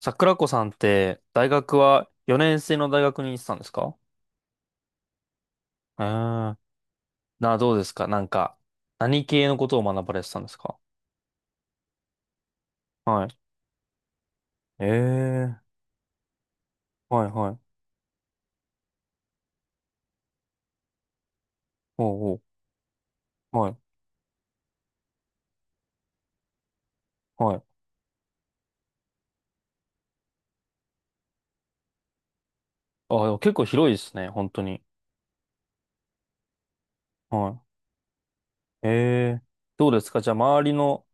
桜子さんって大学は4年生の大学に行ってたんですか？ええー。どうですか？なんか、何系のことを学ばれてたんですか？はい。ええー。はいはい。おうおう。はい。はい。あ、でも結構広いですね。本当に。はい。ええー。どうですか？じゃあ周りの、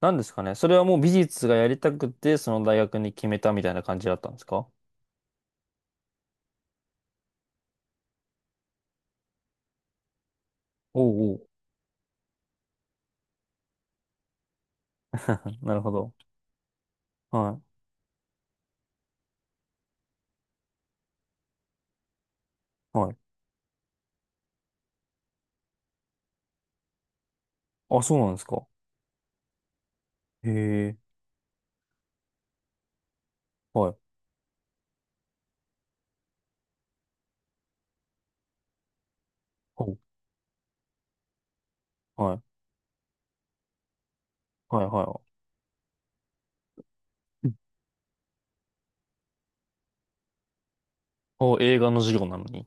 何ですかね？それはもう美術がやりたくて、その大学に決めたみたいな感じだったんですか？おうおう。なるほど。はい。はい。あ、そうなんですか？へえ。はい。ほう。はい。はいはいはい。お、映画の授業なのに。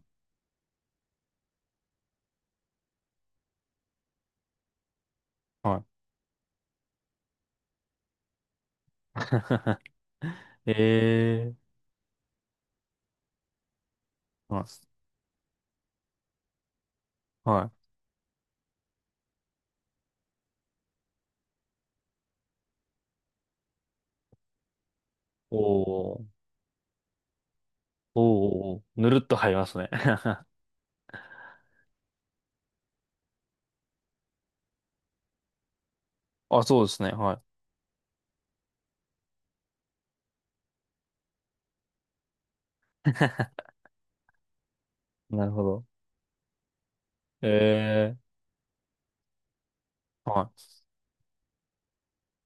はい。ええー、はい。はい。おー、おー、おーぬるっと入りますね。あ、そうですね。はい。なるほど。ええー、はい。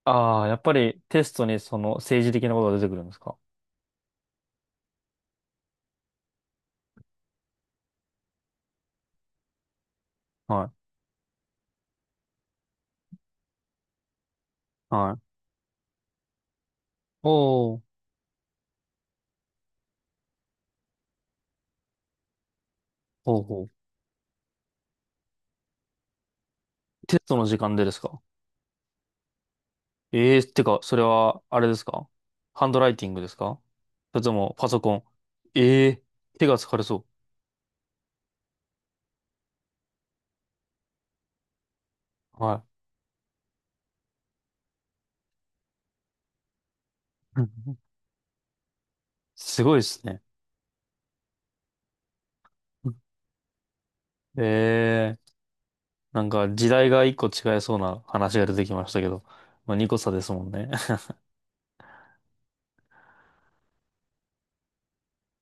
ああ、やっぱりテストにその政治的なことが出てくるんですか？はい。はい。おー、ほうほう。テストの時間でですか？ええー、ってか、それは、あれですか？ハンドライティングですか？それともパソコン。ええー、手が疲れそう。はい。すごいですね。ええ、なんか時代が一個違いそうな話が出てきましたけど、まあ二個差ですもんね。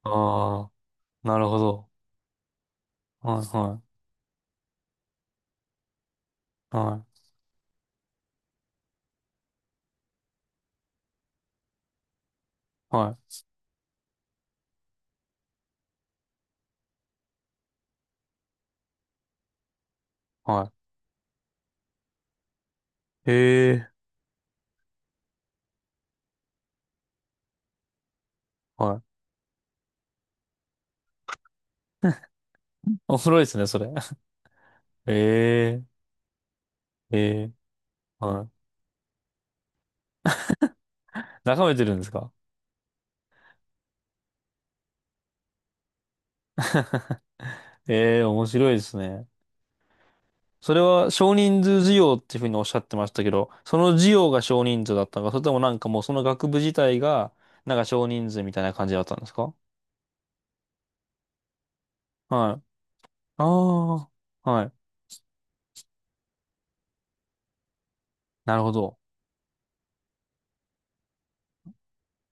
ああ、なるほど。はいはい、はい、はい、はい。ええ、はい。面白いですね、それ。ええ、ええ、はい。眺めてるんですか？ええ、面白いですね。それは少人数授業っていうふうにおっしゃってましたけど、その授業が少人数だったのか、それともなんかもうその学部自体が、なんか少人数みたいな感じだったんですか？はい。ああ、はい。なるほど。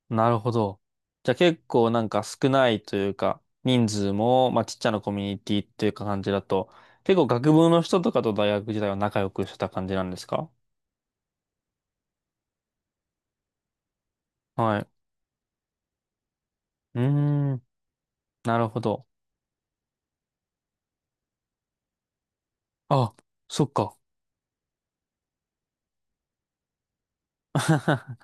なるほど。じゃあ結構なんか少ないというか、人数も、まあちっちゃなコミュニティっていうか感じだと、結構学部の人とかと大学時代は仲良くしてた感じなんですか？はい。うーん、なるほど。あ、そっか。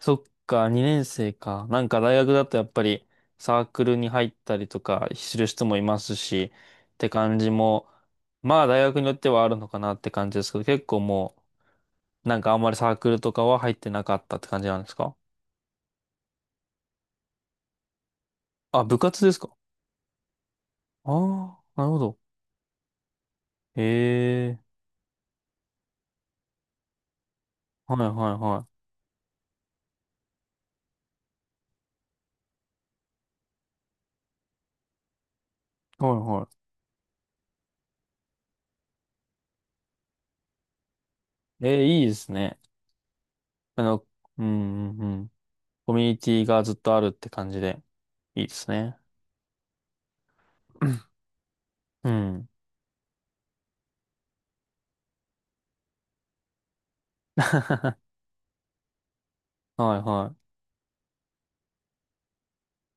そっか、2年生か。なんか大学だとやっぱりサークルに入ったりとかする人もいますし、って感じも、まあ大学によってはあるのかなって感じですけど、結構もう、なんかあんまりサークルとかは入ってなかったって感じなんですか？あ、部活ですか？ああー、なるほど。ええ、はいはいはい。はいはい。ええ、いいですね。あの、うんうんうん。コミュニティがずっとあるって感じで、いいですね。うん。はいはい。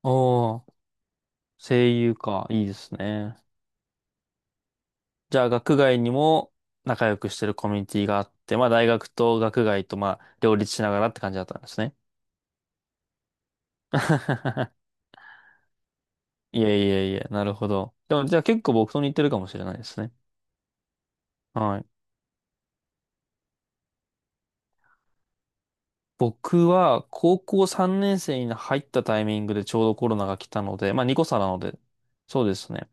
おー、声優か。いいですね。じゃあ、学外にも仲良くしてるコミュニティがあって、まあ、大学と学外と、まあ、両立しながらって感じだったんですね。いえいえいえ、なるほど。でも、じゃあ結構僕と似てるかもしれないですね。はい。僕は高校3年生に入ったタイミングでちょうどコロナが来たので、まあ2個差なので、そうですね。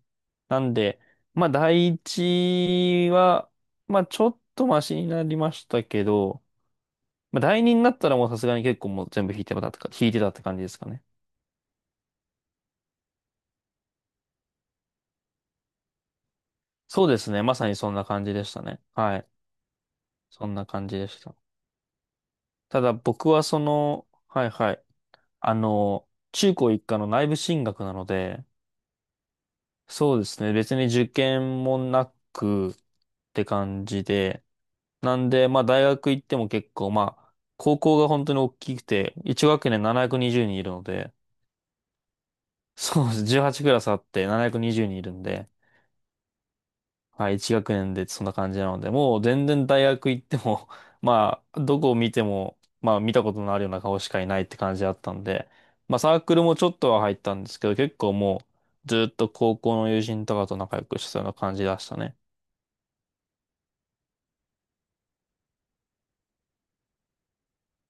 なんで、まあ第一は、まあちょっとマシになりましたけど、まあ第二になったらもうさすがに結構もう全部引いてたってか、引いてたって感じですかね。そうですね。まさにそんな感じでしたね。はい。そんな感じでした。ただ僕はその、はいはい。あの、中高一貫の内部進学なので、そうですね。別に受験もなくって感じで。なんで、まあ大学行っても結構、まあ、高校が本当に大きくて、1学年720人いるので、そうです。18クラスあって720人いるんで、はい、1学年でそんな感じなので、もう全然大学行っても、まあ、どこを見ても、まあ見たことのあるような顔しかいないって感じだったんで、まあサークルもちょっとは入ったんですけど、結構もう、ずっと高校の友人とかと仲良くしてたような感じでしたね。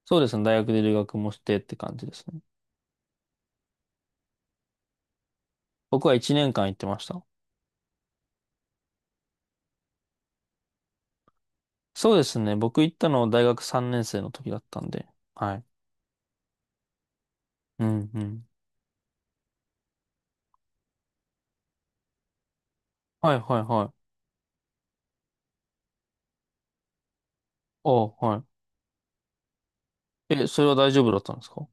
そうですね。大学で留学もしてって感じですね。僕は1年間行ってました。そうですね。僕行ったの大学3年生の時だったんで。はい。うんうん。はいはいはい。ああ、はい。え、それは大丈夫だったんですか？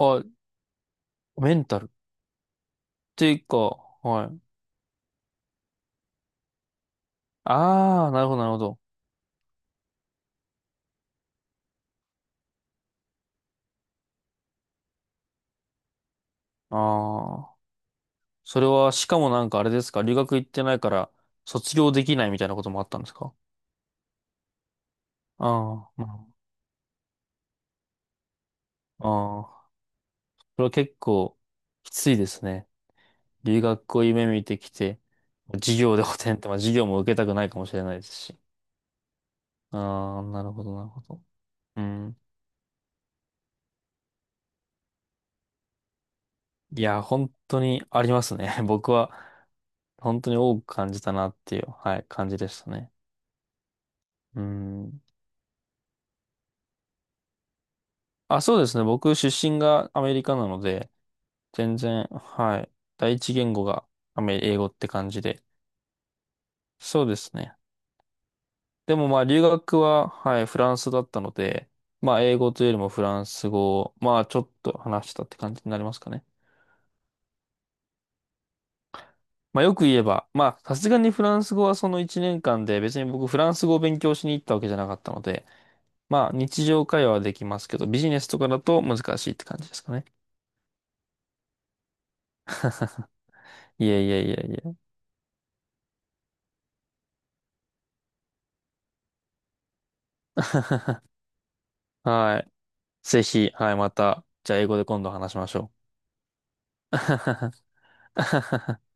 あ、メンタル。っていうか、はい。ああ、なるほどなるほど。ああ。それは、しかもなんかあれですか？留学行ってないから卒業できないみたいなこともあったんですか？ああ、まあ、ああ。それは結構きついですね。留学を夢見てきて、授業で補填って、まあ授業も受けたくないかもしれないですし。ああ、なるほど、なるほど。うん。いや、本当にありますね。僕は本当に多く感じたなっていう、はい、感じでしたね。うん。あ、そうですね。僕出身がアメリカなので、全然、はい、第一言語がアメ英語って感じで。そうですね。でもまあ留学は、はい、フランスだったので、まあ英語というよりもフランス語を、まあちょっと話したって感じになりますかね。まあよく言えば、まあさすがにフランス語はその1年間で別に僕フランス語を勉強しに行ったわけじゃなかったので、まあ日常会話はできますけど、ビジネスとかだと難しいって感じですかね。いえいえいえいえ。はい。ぜひ、はい、また、じゃあ英語で今度話しましょう。